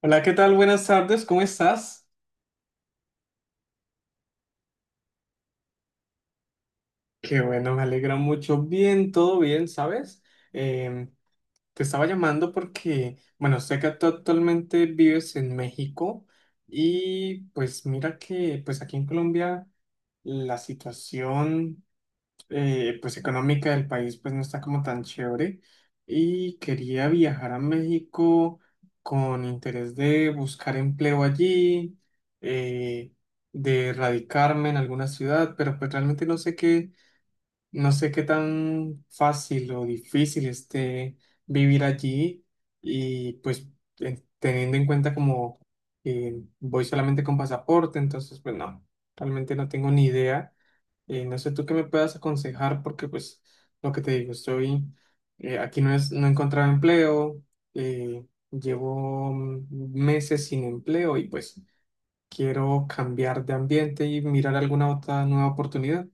Hola, ¿qué tal? Buenas tardes, ¿cómo estás? Qué bueno, me alegra mucho. Bien, todo bien, ¿sabes? Em, Te estaba llamando porque, bueno, sé que tú actualmente vives en México y pues mira que pues aquí en Colombia la situación pues económica del país pues no está como tan chévere y quería viajar a México con interés de buscar empleo allí, eh, de radicarme en alguna ciudad, pero pues realmente no sé qué tan fácil o difícil esté vivir allí y pues teniendo en cuenta como que voy solamente con pasaporte, entonces pues no, realmente no tengo ni idea. No sé tú qué me puedas aconsejar porque pues lo que te digo, estoy aquí no es, no he encontrado empleo, eh, llevo meses sin empleo y pues quiero cambiar de ambiente y mirar alguna otra nueva oportunidad.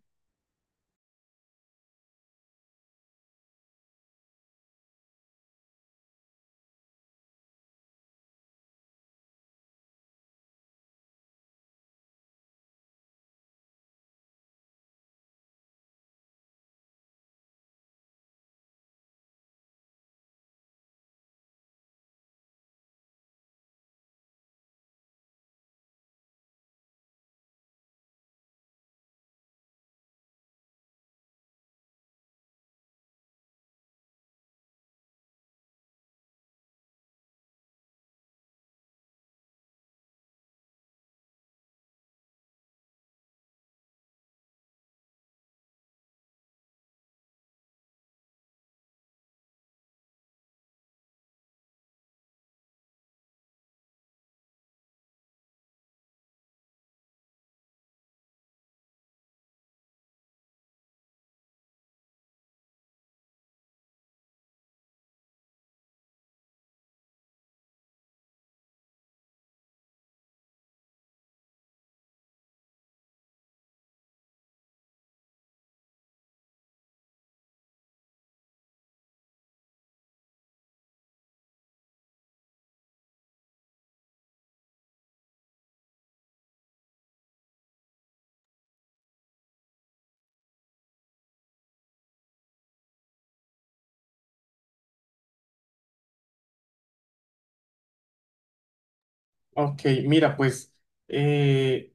Ok, mira, pues eh,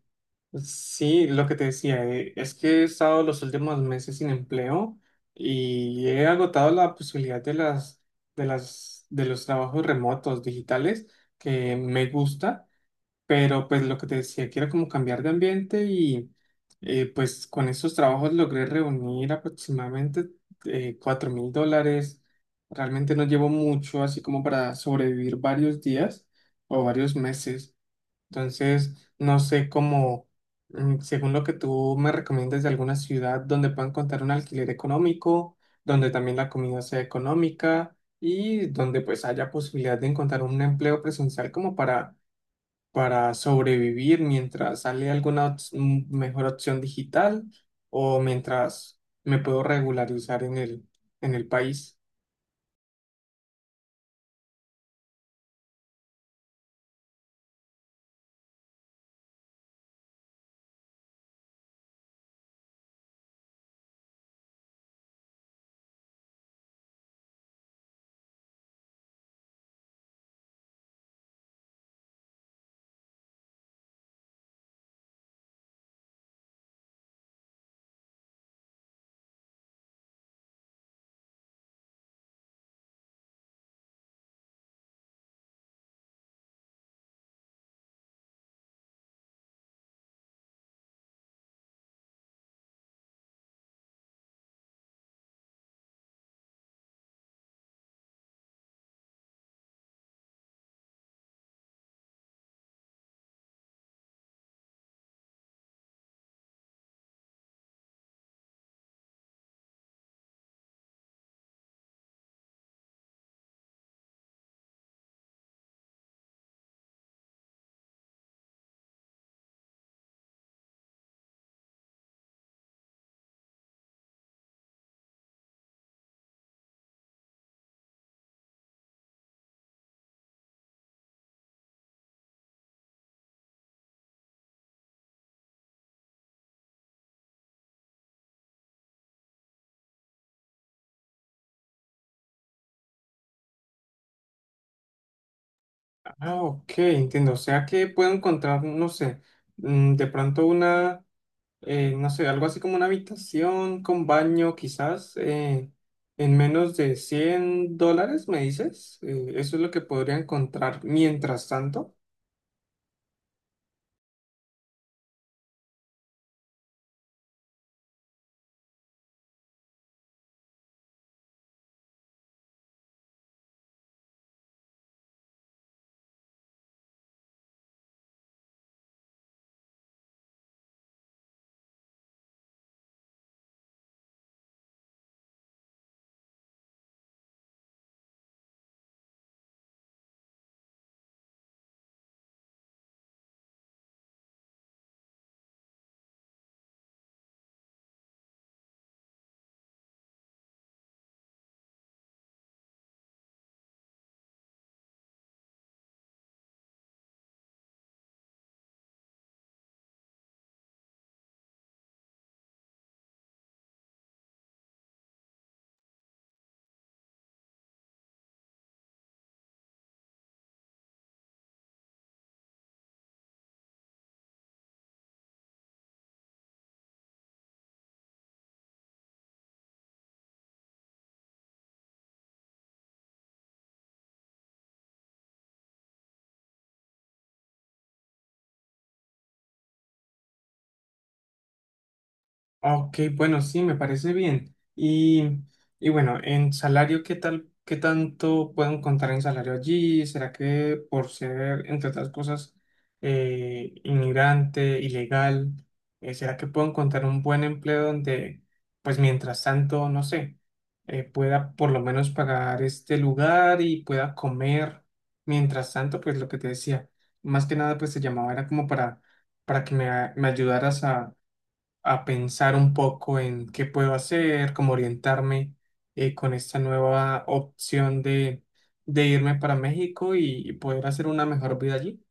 sí, lo que te decía, es que he estado los últimos meses sin empleo y he agotado la posibilidad de los trabajos remotos digitales que me gusta. Pero pues lo que te decía, que era como cambiar de ambiente y pues con esos trabajos logré reunir aproximadamente 4 mil dólares. Realmente no llevo mucho así como para sobrevivir varios días o varios meses. Entonces, no sé cómo, según lo que tú me recomiendas de alguna ciudad donde puedan encontrar un alquiler económico, donde también la comida sea económica y donde pues haya posibilidad de encontrar un empleo presencial como para sobrevivir mientras sale alguna mejor opción digital o mientras me puedo regularizar en el país. Ah, ok, entiendo. O sea que puedo encontrar, no sé, de pronto no sé, algo así como una habitación con baño, quizás en menos de 100 dólares, me dices. Eso es lo que podría encontrar mientras tanto. Ok, bueno, sí, me parece bien. Y bueno, en salario, ¿qué tal, qué tanto pueden contar en salario allí? ¿Será que por ser, entre otras cosas, inmigrante, ilegal, será que puedo encontrar un buen empleo donde, pues mientras tanto, no sé, pueda por lo menos pagar este lugar y pueda comer? Mientras tanto, pues lo que te decía, más que nada, pues te llamaba era como para que me ayudaras a pensar un poco en qué puedo hacer, cómo orientarme con esta nueva opción de irme para México y poder hacer una mejor vida allí.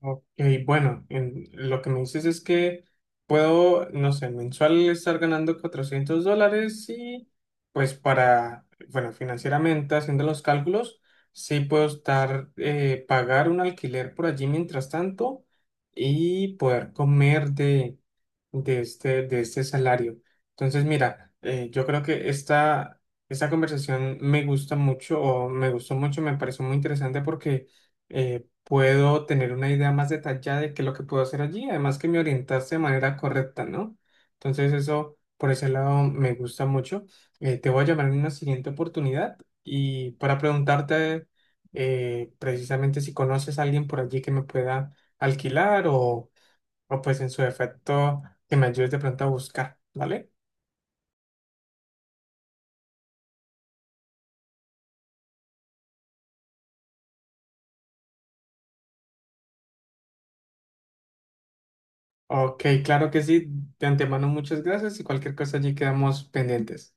Ok, bueno, lo que me dices es que puedo, no sé, mensual estar ganando 400 dólares y pues para, bueno, financieramente haciendo los cálculos, sí puedo estar, pagar un alquiler por allí mientras tanto y poder comer de este salario. Entonces, mira, yo creo que esta conversación me gusta mucho o me gustó mucho, me pareció muy interesante porque puedo tener una idea más detallada de qué es lo que puedo hacer allí, además que me orientaste de manera correcta, ¿no? Entonces, eso por ese lado me gusta mucho. Te voy a llamar en una siguiente oportunidad y para preguntarte precisamente si conoces a alguien por allí que me pueda alquilar o pues en su defecto que me ayudes de pronto a buscar, ¿vale? Ok, claro que sí. De antemano muchas gracias y cualquier cosa allí quedamos pendientes.